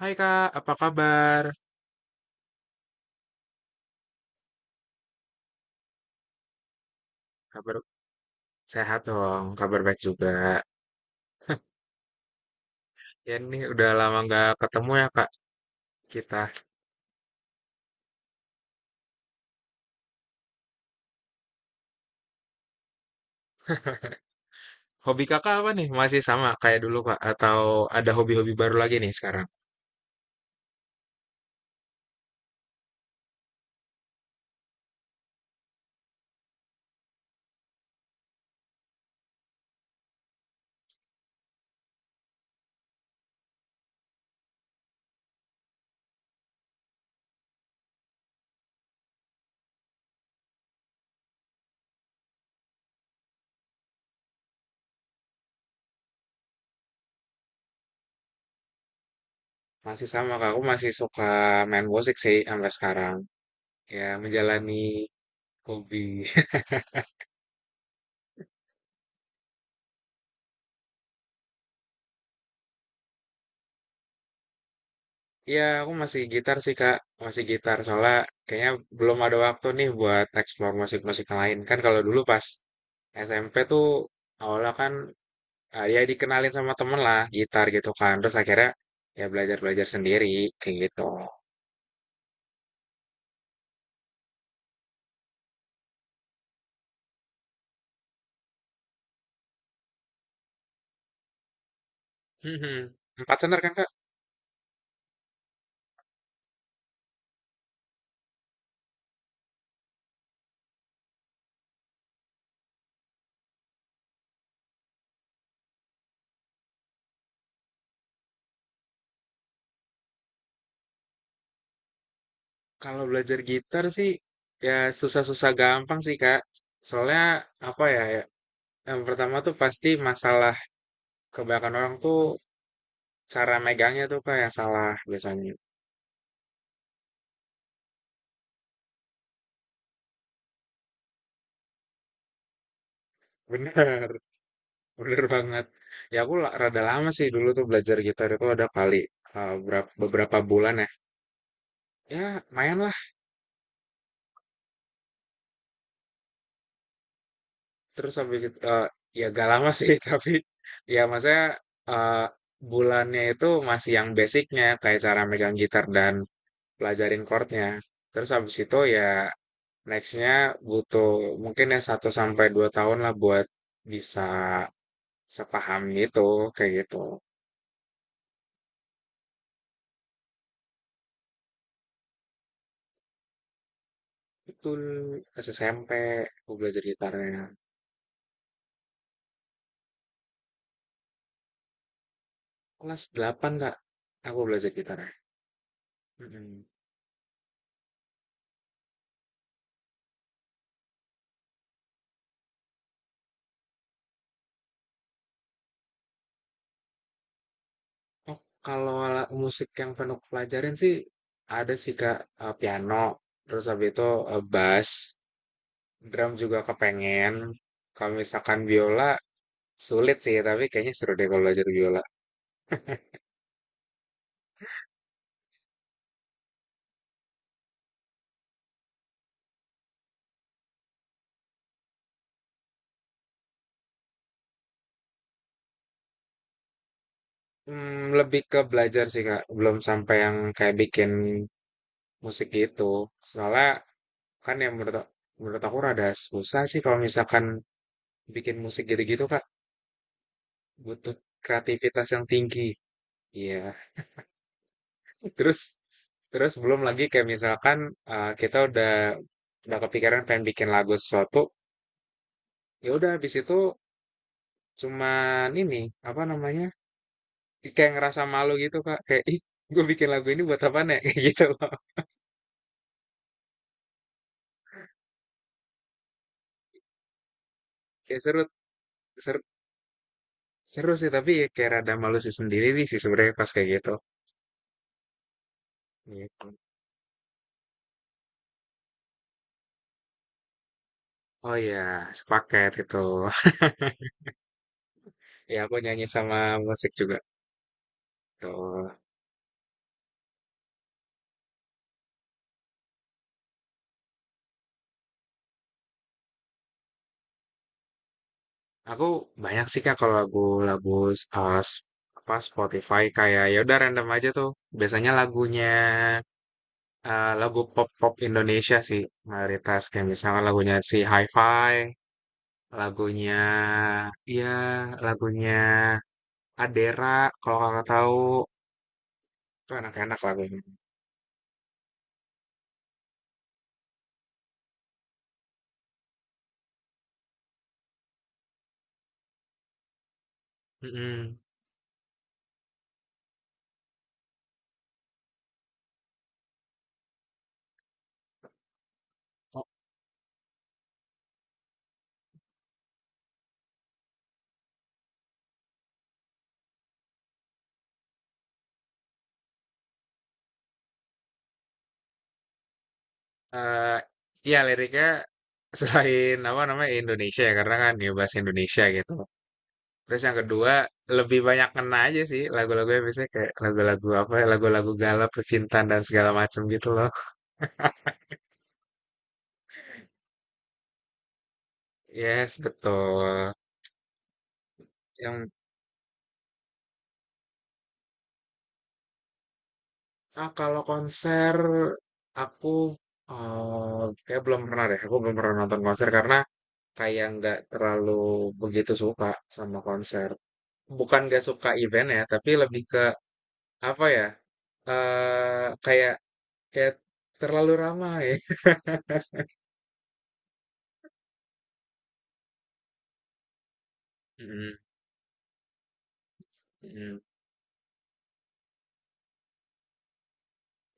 Hai Kak, apa kabar? Kabar sehat dong, kabar baik juga. Ya ini udah lama nggak ketemu ya Kak, kita. Hobi Kakak apa nih? Masih sama kayak dulu Kak? Atau ada hobi-hobi baru lagi nih sekarang? Masih sama Kak, aku masih suka main musik sih sampai sekarang. Ya menjalani hobi. Ya aku masih gitar sih Kak, masih gitar. Soalnya kayaknya belum ada waktu nih buat eksplor musik-musik yang lain. Kan kalau dulu pas SMP tuh awalnya kan ya dikenalin sama temen lah gitar gitu kan terus akhirnya ya belajar belajar sendiri kayak gitu. Mhm. Empat senar kan kak? Kalau belajar gitar sih ya susah-susah gampang sih kak, soalnya apa ya, ya yang pertama tuh pasti masalah kebanyakan orang tuh cara megangnya tuh kak yang salah biasanya. Bener, bener banget. Ya aku rada lama sih dulu tuh belajar gitar itu, ada kali beberapa bulan ya, ya lumayan. Terus habis itu, ya gak lama sih, tapi ya maksudnya eh, bulannya itu masih yang basicnya, kayak cara megang gitar dan pelajarin chordnya. Terus habis itu ya nextnya butuh mungkin ya 1 sampai 2 tahun lah buat bisa sepaham gitu, kayak gitu. Itu pas SMP aku belajar gitarnya. Kelas 8 kak, aku belajar gitarnya. Mm-mm. Oh, kalau musik yang penuh pelajarin sih ada sih Kak, piano, terus habis itu bass, drum juga kepengen. Kalau misalkan biola sulit sih, tapi kayaknya seru deh kalau belajar biola. Hmm, lebih ke belajar sih Kak, belum sampai yang kayak bikin musik gitu. Soalnya kan yang menurut menurut aku rada susah sih kalau misalkan bikin musik gitu-gitu Kak, butuh kreativitas yang tinggi. Iya. Terus terus belum lagi kayak misalkan kita udah kepikiran pengen bikin lagu sesuatu, ya udah habis itu cuman ini, apa namanya, kayak ngerasa malu gitu Kak, kayak ih, gue bikin lagu ini buat apa nih, kayak gitu loh. Kayak seru seru, seru sih tapi ya kayak rada malu sih sendiri nih sih sebenarnya pas kayak gitu. Gitu. Oh iya, sepaket itu. Ya aku nyanyi sama musik juga. Tuh. Aku banyak sih Kak kalau lagu-lagu uh, s- apa Spotify kayak ya udah random aja tuh. Biasanya lagunya lagu pop-pop Indonesia sih mayoritas kayak misalnya lagunya si Hi-Fi, lagunya ya lagunya Adera, kalau kakak tahu, itu enak-enak lagunya. Mm-mm. Oh, eh, ya liriknya selain apa namanya Indonesia ya karena kan ya bahasa Indonesia gitu. Terus yang kedua lebih banyak kena aja sih lagu-lagunya, biasanya kayak lagu-lagu apa ya, lagu-lagu galau percintaan dan segala macem gitu loh. Yes, betul. Yang ah, kalau konser aku kayak belum pernah deh. Aku belum pernah nonton konser karena kayak nggak terlalu begitu suka sama konser. Bukan nggak suka event ya, tapi lebih ke apa ya, kayak kayak terlalu ramai. Mm-mm, mm-mm.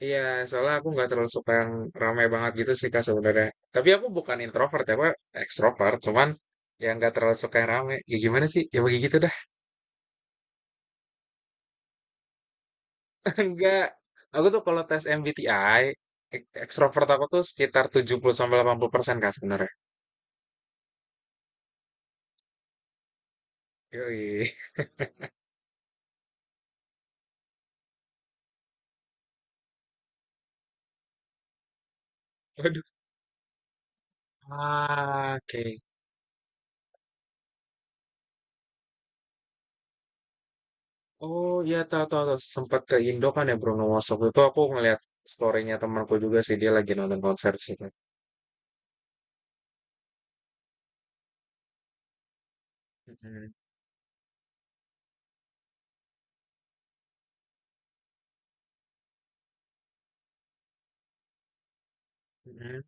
Iya, soalnya aku nggak terlalu suka yang ramai banget gitu sih kak sebenarnya. Tapi aku bukan introvert ya, aku ekstrovert. Cuman ya nggak terlalu suka yang ramai. Ya gimana sih? Ya begitu dah. Enggak. Aku tuh kalau tes MBTI, ekstrovert aku tuh sekitar 70 sampai 80% kak sebenarnya. Yoi. Waduh. Ah, oke. Oh iya, tahu tahu tahu. Sempat ke Indo kan ya Bruno Mars waktu itu, aku ngeliat story-nya temanku juga sih, dia lagi nonton konser sih, Kak. Mhm. Mhm.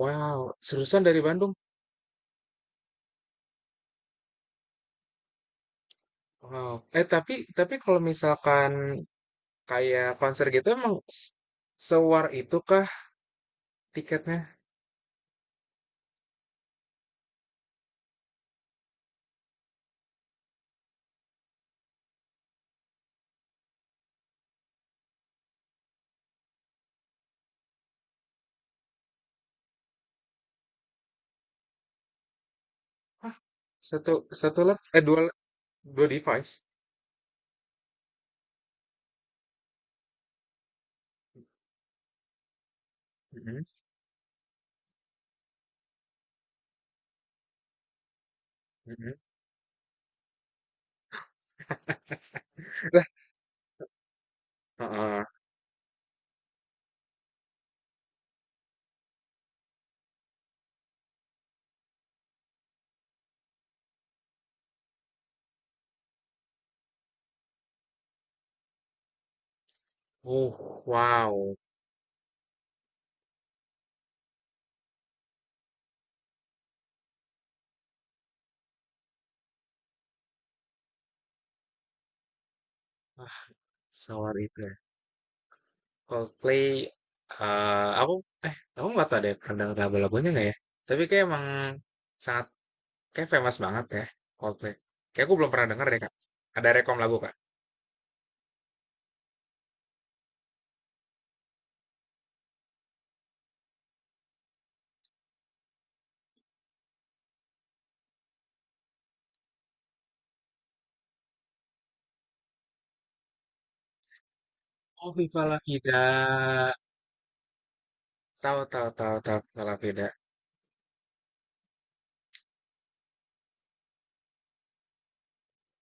Wow, seriusan dari Bandung? Wow. Eh tapi kalau misalkan kayak konser gitu emang s- sewar itu kah tiketnya? Satu, satu lap, eh dua, dua device. Mhm, mhm. Lah, heeh. Uh, wow. Wah, sewar itu ya. Coldplay, eh aku aku nggak tahu deh pernah denger lagu-lagunya nggak ya? Tapi kayak emang sangat kayak famous banget ya Coldplay. Kayak aku belum pernah denger deh Kak. Ada rekom lagu Kak? Oh, Viva La Vida. Tahu tahu tahu tahu Viva La Vida.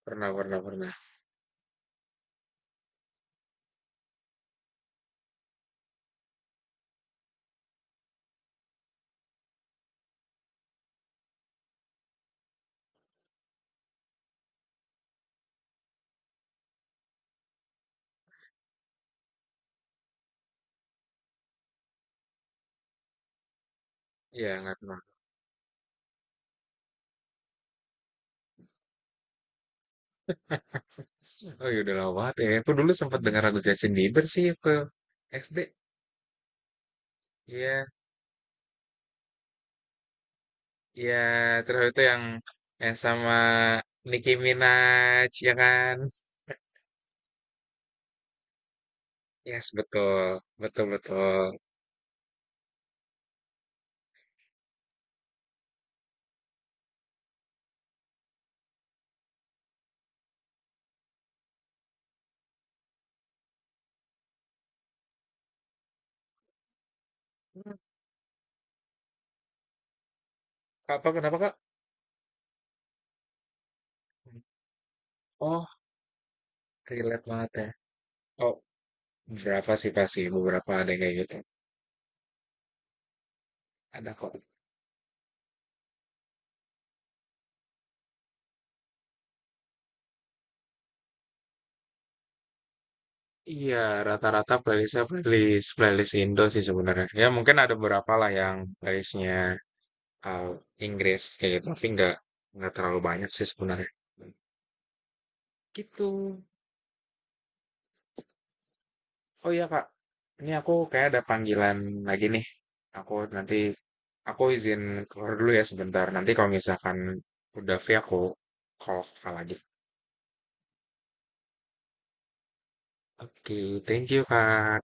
Pernah pernah pernah. Iya nggak pernah. Oh iya udah lama banget ya. Aku dulu sempat dengar lagu Justin Bieber sih ke SD. Iya iya, terus itu yang sama Nicki Minaj ya kan. Yes betul betul betul. Hmm, apa kenapa kak? Oh, relate banget ya. Oh, berapa sih, pasti beberapa ada yang kayak gitu. Ada kok. Iya, rata-rata playlistnya playlist playlist Indo sih sebenarnya. Ya mungkin ada beberapa lah yang playlistnya eee, Inggris kayak gitu, tapi nggak terlalu banyak sih sebenarnya. Gitu. Oh iya, Kak, ini aku kayak ada panggilan lagi nih. Aku nanti aku izin keluar dulu ya sebentar, nanti kalau misalkan udah free aku call Kakak lagi. Oke, thank you, Kak.